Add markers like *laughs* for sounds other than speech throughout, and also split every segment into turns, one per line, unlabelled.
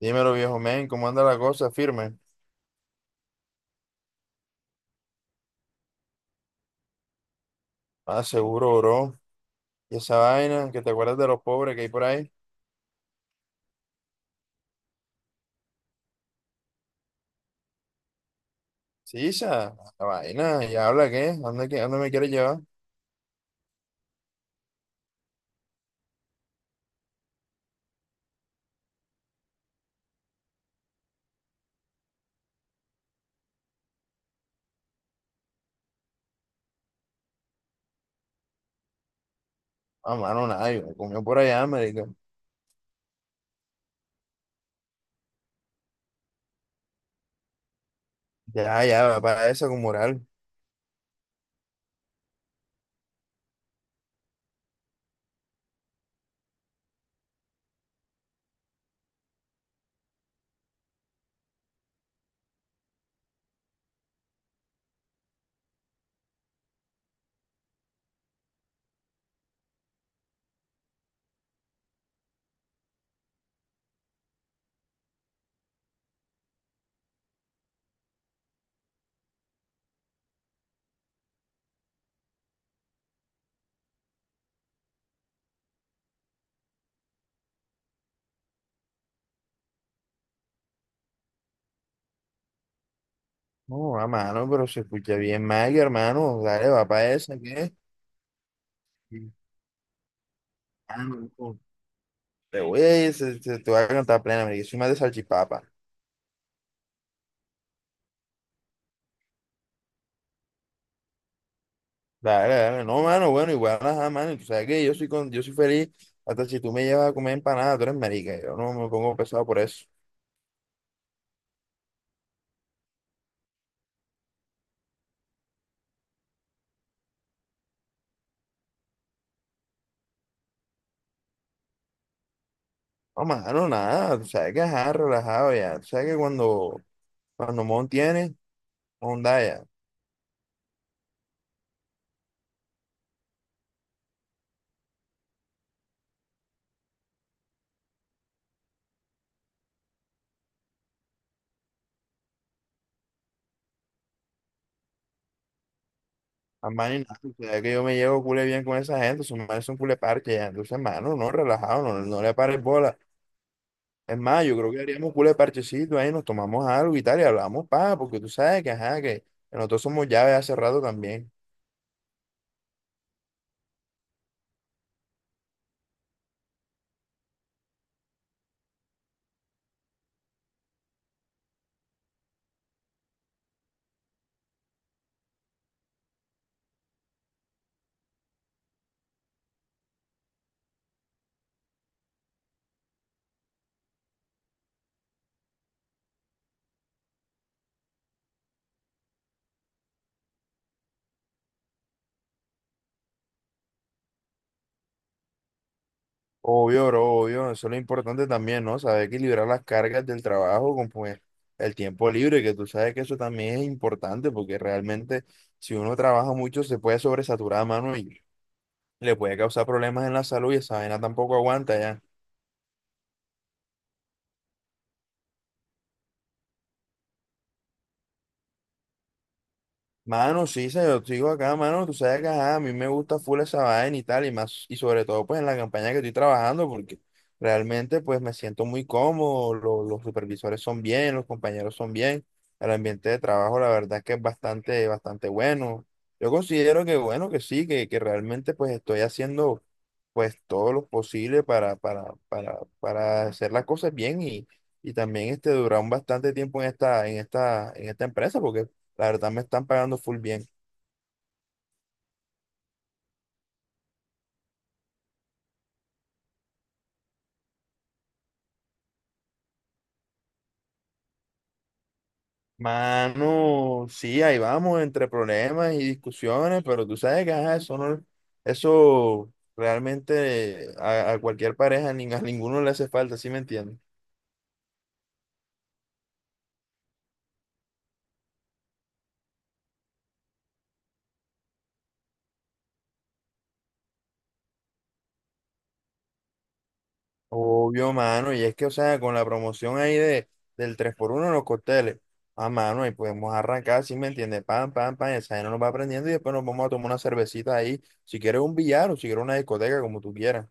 Dímelo, viejo men, ¿cómo anda la cosa? Firme. Ah, seguro, bro. Y esa vaina, que te acuerdas de los pobres que hay por ahí. Sí, esa la vaina, ya habla qué, ¿a dónde me quieres llevar? A mano, nada, yo me comió por allá, marica. Ya, ya, va para esa con moral. No, a mano, pero se escucha bien mal, hermano. Dale, va para esa, ¿qué? Ah, no, no. Te voy a ir, te voy a cantar plena, marica. Soy más de salchipapa. Dale, dale. No, mano, bueno, igual, ajá, mano. Y tú sabes que yo soy, con, yo soy feliz hasta si tú me llevas a comer empanada, tú eres marica. Yo no me pongo pesado por eso. No, mano, nada. Tú sabes que, ajá, relajado ya. Tú sabes que cuando Mon tiene, onda ya. A mano y nada. Tú sabes que yo me llevo cule bien con esa gente. Son manes son cule parche ya. Entonces, mano, no, relajado, no, no le pares bola. Es más, yo creo que haríamos cule parchecito ahí, nos tomamos algo y tal, y hablamos, pa, porque tú sabes que, ajá, que nosotros somos llaves hace rato también. Obvio, bro, obvio, eso es lo importante también, ¿no? Saber equilibrar las cargas del trabajo con pues el tiempo libre, que tú sabes que eso también es importante, porque realmente si uno trabaja mucho se puede sobresaturar, mano, y le puede causar problemas en la salud y esa vaina tampoco aguanta ya. Mano, sí, yo sigo acá, mano. Tú sabes que ajá, a mí me gusta full esa vaina y tal, y más, y sobre todo pues en la campaña que estoy trabajando, porque realmente pues me siento muy cómodo, los supervisores son bien, los compañeros son bien, el ambiente de trabajo la verdad es que es bastante, bastante bueno. Yo considero que bueno, que sí, que realmente pues estoy haciendo pues todo lo posible para hacer las cosas bien y también este durar un bastante tiempo en en esta empresa, porque la verdad me están pagando full bien. Mano, sí, ahí vamos entre problemas y discusiones, pero tú sabes que ajá, eso no, eso realmente a cualquier pareja, ni a ninguno le hace falta, ¿sí me entiendes? Obvio, mano, y es que, o sea, con la promoción ahí de, del tres por uno en los cócteles, a mano, y podemos arrancar, ¿sí me entiendes? Pam, pam, pam, esa gente nos va aprendiendo y después nos vamos a tomar una cervecita ahí, si quieres un billar o si quieres una discoteca, como tú quieras.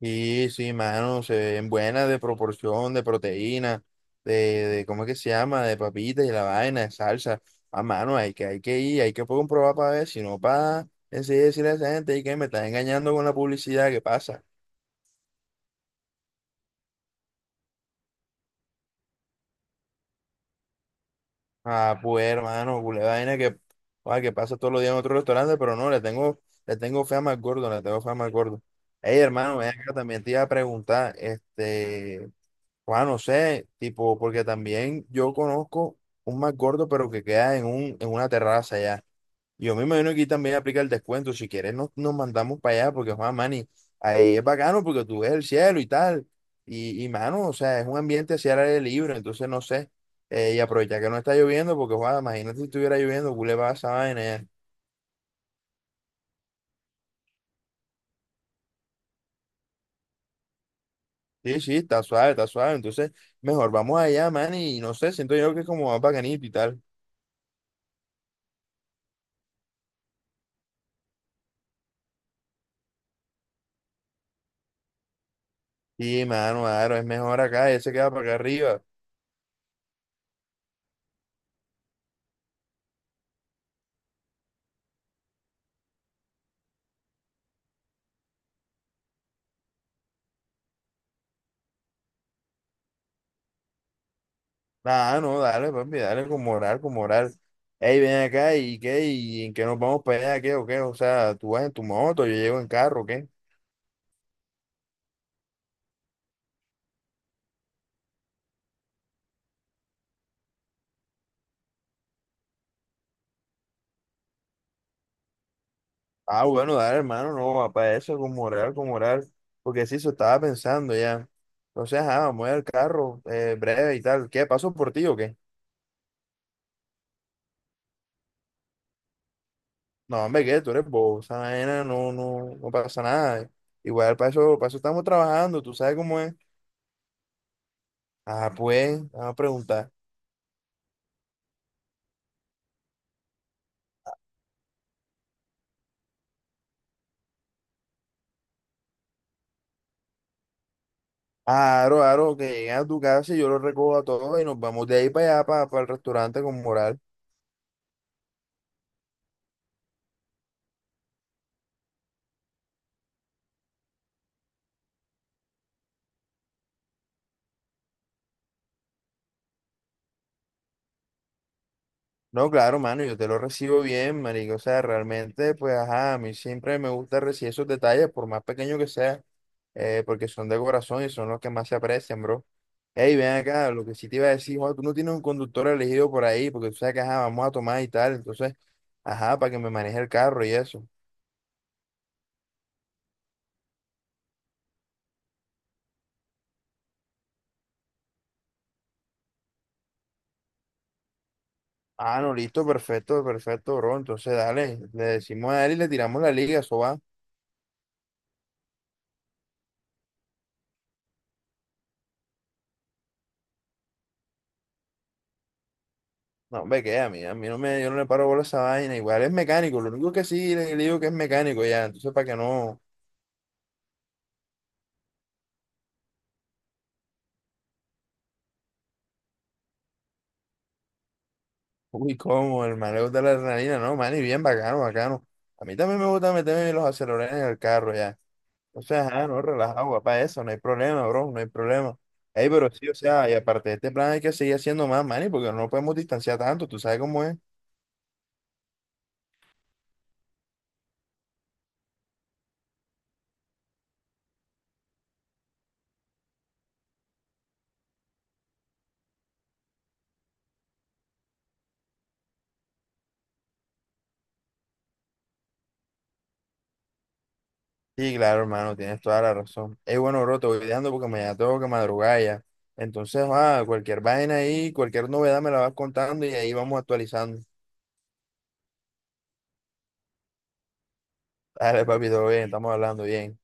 Sí, sí, mano, se ven buenas de proporción, de proteína, de ¿cómo es que se llama? De papitas y la vaina, de salsa. A mano, hay que ir, hay que comprobar para ver, si no para enseguida decirle a esa gente "Ey, que me estás engañando con la publicidad, ¿qué pasa? Ah, pues hermano, culé vaina que, ah, que pasa todos los días en otro restaurante, pero no, le tengo fe a gordo, le tengo fe a gordo. Ey, hermano, ven acá, también te iba a preguntar, este. Bueno, no sé, tipo, porque también yo conozco un más gordo, pero que queda en en una terraza allá. Yo me imagino que aquí también aplica el descuento. Si quieres, nos mandamos para allá, porque Juan Mani, ahí es bacano porque tú ves el cielo y tal. Y mano, o sea, es un ambiente hacia el aire libre, entonces no sé. Y aprovecha que no está lloviendo, porque Juan, imagínate si estuviera lloviendo, ¿qué le va a esa vaina allá? Sí, sí, está suave, está suave. Entonces, mejor vamos allá, man, y no sé, siento yo que es como más bacanito y tal. Sí, mano, claro, es mejor acá, él se queda para acá arriba. Nah, no, dale, papi, dale con moral, con moral. Ey, ven acá, ¿y qué? ¿Y en qué nos vamos para allá? ¿Qué o qué? O sea, tú vas en tu moto, yo llego en carro, ¿qué? Ah, bueno, dale, hermano, no, para eso, con moral, con moral. Porque sí, eso estaba pensando ya. Entonces, ah, vamos al carro, breve y tal. ¿Qué? ¿Paso por ti o qué? No, hombre, ¿qué? Tú eres bobo, esa vaina no, no pasa nada. Igual, para eso estamos trabajando, tú sabes cómo es. Ah, pues, vamos a preguntar. Aro, aro, que lleguen a tu casa y yo los recojo a todos y nos vamos de ahí para allá, para, el restaurante con moral. No, claro, mano, yo te lo recibo bien, marico. O sea, realmente, pues, ajá, a mí siempre me gusta recibir esos detalles, por más pequeño que sea, porque son de corazón y son los que más se aprecian, bro. Ey, ven acá, lo que sí te iba a decir, Juan, tú no tienes un conductor elegido por ahí, porque tú sabes que, ajá, vamos a tomar y tal, entonces, ajá, para que me maneje el carro y eso. Ah, no, listo, perfecto, perfecto, bro. Entonces, dale, le decimos a él y le tiramos la liga, eso va. No, hombre, que a mí no me, yo no le paro bola a esa vaina. Igual es mecánico, lo único que sí le digo que es mecánico ya. Entonces, para que no, uy, cómo, el mareo de la adrenalina, no, man, y bien bacano, bacano. A mí también me gusta meterme los acelerones en el carro ya. O sea, ajá, no, relajado, papá, eso, no hay problema, bro, no hay problema. Ey, pero sí, o sea, y aparte de este plan hay que seguir haciendo más, man, porque no nos podemos distanciar tanto, tú sabes cómo es. Sí, claro, hermano, tienes toda la razón. Es bueno, bro, te voy dejando porque mañana tengo que madrugar ya. Entonces, ah, cualquier vaina ahí, cualquier novedad me la vas contando y ahí vamos actualizando. *laughs* Dale, papi, todo bien, estamos hablando bien.